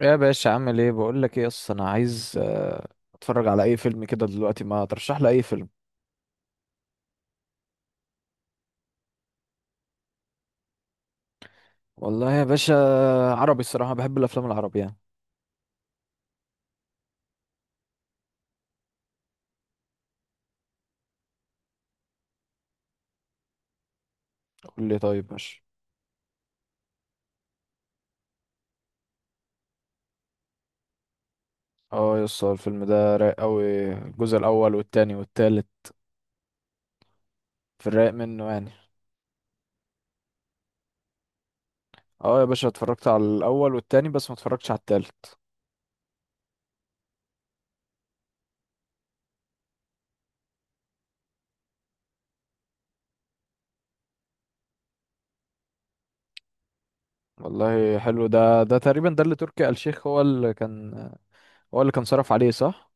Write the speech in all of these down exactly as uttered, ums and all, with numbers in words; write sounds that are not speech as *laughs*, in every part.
يا باشا عامل ايه؟ بقول لك ايه، اصلا انا عايز آه، اتفرج على اي فيلم كده دلوقتي. ما ترشح لي اي فيلم. والله يا باشا، عربي الصراحه، بحب الافلام العربي يعني. قول لي، طيب ماشي. اه يس، هو الفيلم ده رايق قوي، الجزء الاول والتاني والتالت، في الرايق منه يعني. اه يا باشا، اتفرجت على الاول والتاني بس ما اتفرجتش على التالت. والله حلو ده، ده تقريبا ده اللي تركي آل الشيخ هو اللي كان، هو اللي كان صرف عليه صح؟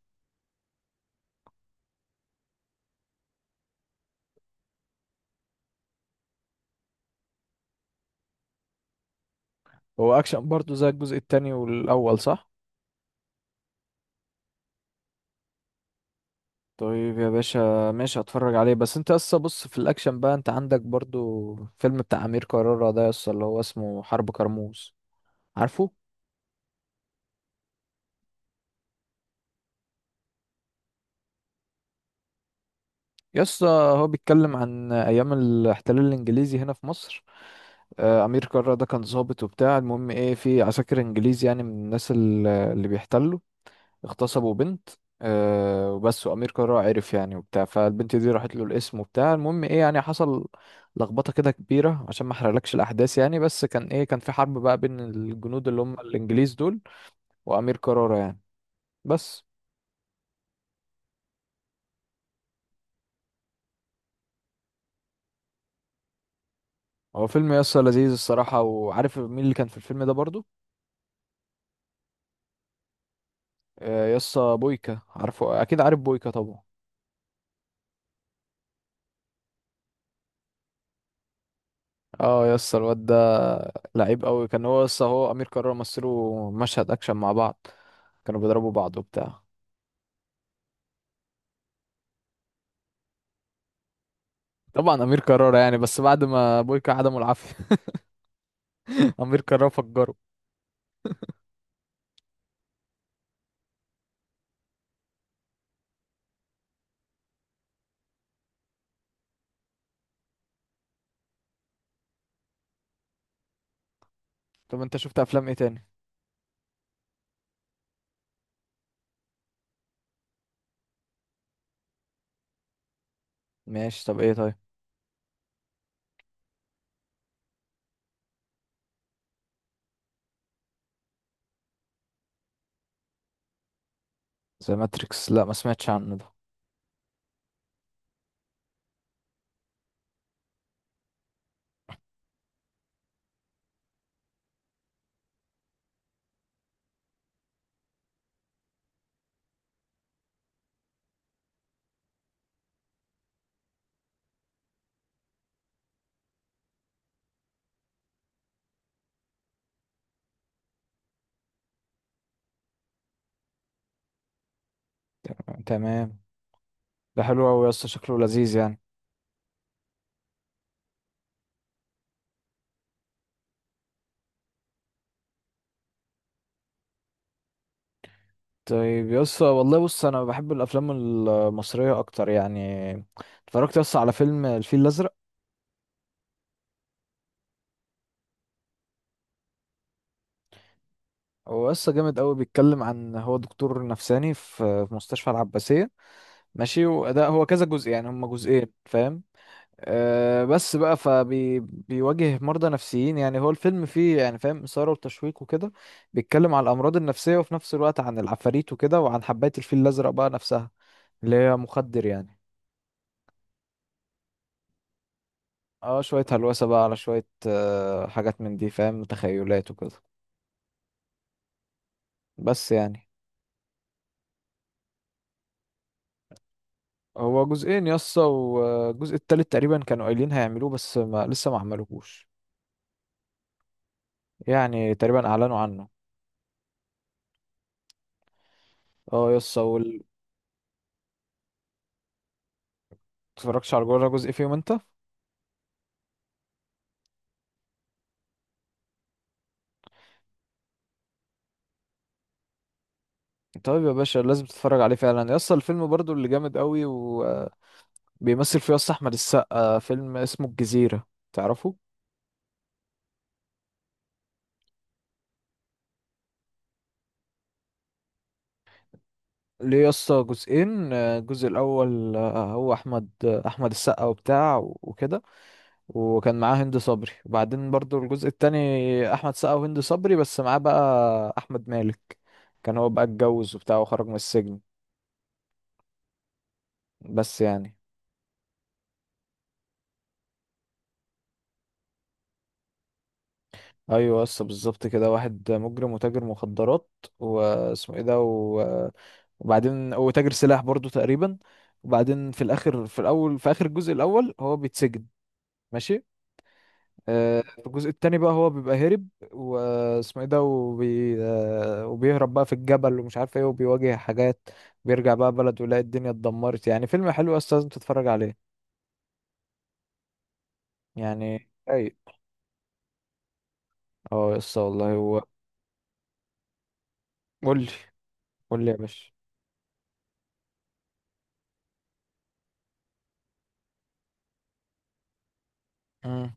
هو اكشن برضه زي الجزء التاني والاول صح؟ طيب يا باشا ماشي، هتفرج عليه. بس انت اصلا بص، في الاكشن بقى انت عندك برضو فيلم بتاع امير كرارة ده يسطا، اللي هو اسمه حرب كرموز، عارفه؟ يسطا، هو بيتكلم عن ايام الاحتلال الانجليزي هنا في مصر. آه، امير كرارة ده كان ضابط وبتاع، المهم ايه، في عساكر انجليز، يعني من الناس ال- اللي بيحتلوا اغتصبوا بنت. آه وبس، وأمير كرارة عرف يعني وبتاع، فالبنت دي راحت له، الاسم وبتاع، المهم ايه، يعني حصل لخبطة كده كبيرة، عشان ما احرقلكش الأحداث يعني. بس كان ايه، كان في حرب بقى بين الجنود اللي هم الإنجليز دول وأمير كرارة يعني. بس هو فيلم يسا لذيذ الصراحة. وعارف مين اللي كان في الفيلم ده برضو؟ آه يسا بويكا، عارفه أكيد، عارف بويكا طبعا. اه يسا الواد ده لعيب قوي كان، هو يسا هو أمير كرارة مثلوا مشهد أكشن مع بعض، كانوا بيضربوا بعض وبتاع. طبعا امير كرارة يعني، بس بعد ما بويكا عدمه العافيه *laughs* امير كرارة فجره. طب انت شفت افلام ايه تاني؟ ماشي، طب ايه طيب؟ زي ماتريكس؟ لا ما سمعتش عنه ده. تمام تمام. ده حلو قوي يا اسطى، شكله لذيذ يعني. طيب يا اسطى والله بص انا بحب الافلام المصريه اكتر يعني. اتفرجت يا اسطى على فيلم الفيل الازرق؟ هو يا اسطى جامد قوي. بيتكلم عن هو دكتور نفساني في في مستشفى العباسيه، ماشي. وده هو كذا جزء، يعني هما جزئين فاهم. آه، بس بقى فبيواجه مرضى نفسيين، يعني هو الفيلم فيه يعني فاهم إثارة وتشويق وكده. بيتكلم عن الأمراض النفسية وفي نفس الوقت عن العفاريت وكده، وعن حباية الفيل الأزرق بقى نفسها، اللي هي مخدر يعني. اه شوية هلوسة بقى على شوية آه، حاجات من دي فاهم، تخيلات وكده. بس يعني. هو جزئين يسطا، والجزء التالت تقريبا كانوا قايلين هيعملوه بس ما لسه ما عملوهوش، يعني تقريبا أعلنوا عنه. اه يسطا وال- متفرجتش على جوه جزء فيهم انت؟ طيب يا باشا لازم تتفرج عليه فعلا. يسطا الفيلم برضو اللي جامد قوي وبيمثل فيه يسطا احمد السقا، فيلم اسمه الجزيرة، تعرفه؟ ليه يسطا جزئين. آه، الجزء الاول، آه، هو احمد آه، احمد السقا وبتاع وكده، وكان معاه هند صبري. وبعدين برضو الجزء التاني، احمد السقا وهند صبري بس معاه بقى احمد مالك، كان هو بقى اتجوز وبتاع وخرج من السجن. بس يعني. ايوه بس بالظبط كده، واحد مجرم وتاجر مخدرات، واسمه ايه ده و... وبعدين وتاجر سلاح برضو تقريبا. وبعدين في الاخر، في الاول، في اخر الجزء الاول هو بيتسجن، ماشي. آه، في الجزء التاني بقى هو بيبقى هرب، واسمه ايه ده، وبي... آه، وبيهرب بقى في الجبل ومش عارف ايه، وبيواجه حاجات. بيرجع بقى بلده يلاقي الدنيا اتدمرت، يعني فيلم حلو بس لازم تتفرج عليه يعني اي. اه يس والله هو. قول لي، قول لي يا باشا. مم.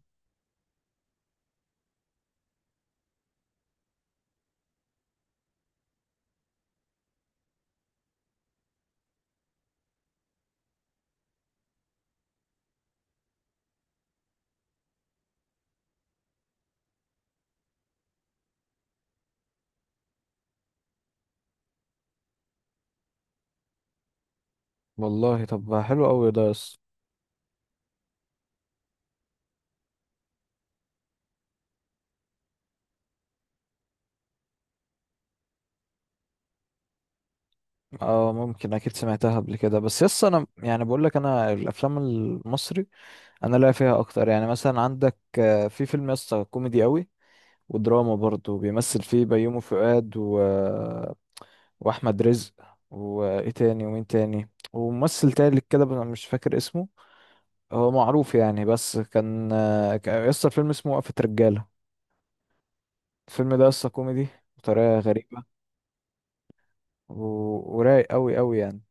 والله طب حلو قوي ده يس. اه ممكن، اكيد سمعتها قبل كده. بس يس انا يعني بقول لك، انا الافلام المصري انا لاقي فيها اكتر يعني. مثلا عندك آه، في فيلم يس كوميدي قوي ودراما برضه، بيمثل فيه بيومي فؤاد و... واحمد رزق، وايه تاني، ومين تاني، وممثل تالت كده بس أنا مش فاكر اسمه، هو معروف يعني. بس كان آه، كان- يس الفيلم اسمه وقفة رجالة. الفيلم ده يس كوميدي بطريقة غريبة و... ورايق قوي قوي يعني.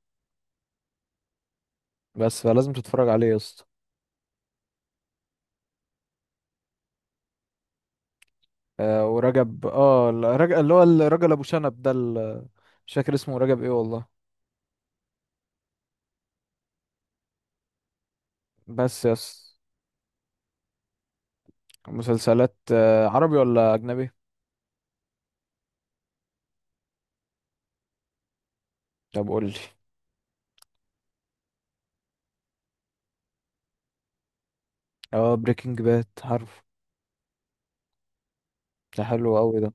بس فلازم تتفرج عليه يا اسطى. آه ورجب، اه الرجل اللي هو الراجل ابو شنب ده ال- مش فاكر اسمه رجب ايه والله. بس يا اسطى. مسلسلات آه، عربي ولا اجنبي؟ طب قول لي. اه بريكنج باد عارف، ده حلو قوي ده.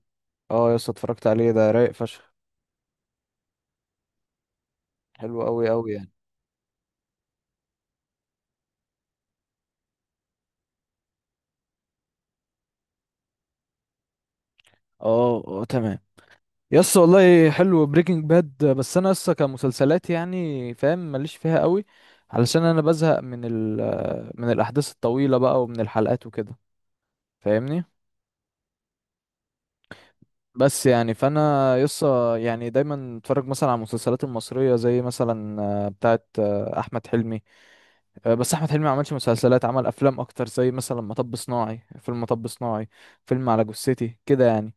اه يا اسطى اتفرجت عليه، ده رايق فشخ، حلو قوي قوي يعني. اه اه تمام. يا اسطى والله حلو بريكنج باد، بس انا لسه كمسلسلات يعني فاهم ماليش فيها قوي، علشان انا بزهق من ال من الاحداث الطويله بقى ومن الحلقات وكده، فاهمني؟ بس يعني، فانا يسا يعني دايما اتفرج مثلا على المسلسلات المصريه، زي مثلا آه، بتاعه آه، احمد حلمي. آه، بس احمد حلمي ما عملش مسلسلات، عمل افلام اكتر، زي مثلا مطب صناعي، فيلم مطب صناعي، فيلم على جثتي كده يعني.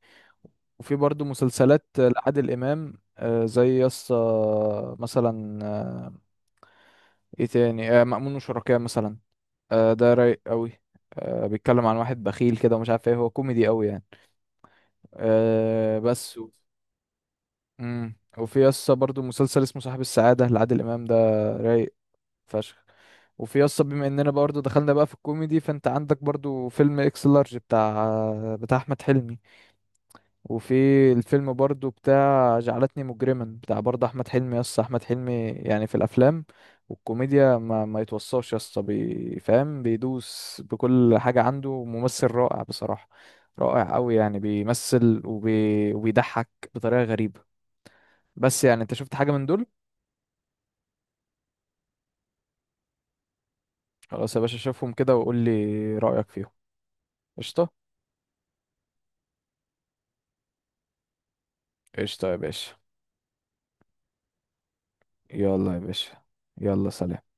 وفي برضو مسلسلات آه، لعادل امام، آه، زي يسا مثلا آه، ايه تاني، آه، مأمون وشركاه مثلا، آه، ده رايق قوي. آه، بيتكلم عن واحد بخيل كده ومش عارف ايه، هو كوميدي قوي يعني. آه، بس امم. وفي يسطا برضو مسلسل اسمه صاحب السعادة لعادل إمام، ده رايق فشخ. وفي يسطا، بما اننا برضو دخلنا بقى في الكوميدي، فانت عندك برضو فيلم اكس لارج بتاع بتاع احمد حلمي. وفي الفيلم برضو بتاع جعلتني مجرما، بتاع برضو احمد حلمي. يسطا احمد حلمي يعني في الافلام والكوميديا ما ما يتوصاش يسطا، بي- فاهم بيدوس بكل حاجة، عنده ممثل رائع بصراحة، رائع قوي يعني. بيمثل وبي... وبيضحك بطريقة غريبة. بس يعني. انت شفت حاجة من دول؟ خلاص يا باشا، شوفهم كده وقول لي رأيك فيهم. قشطة. قشطة يا باشا. يلا يا باشا. يلا سلام.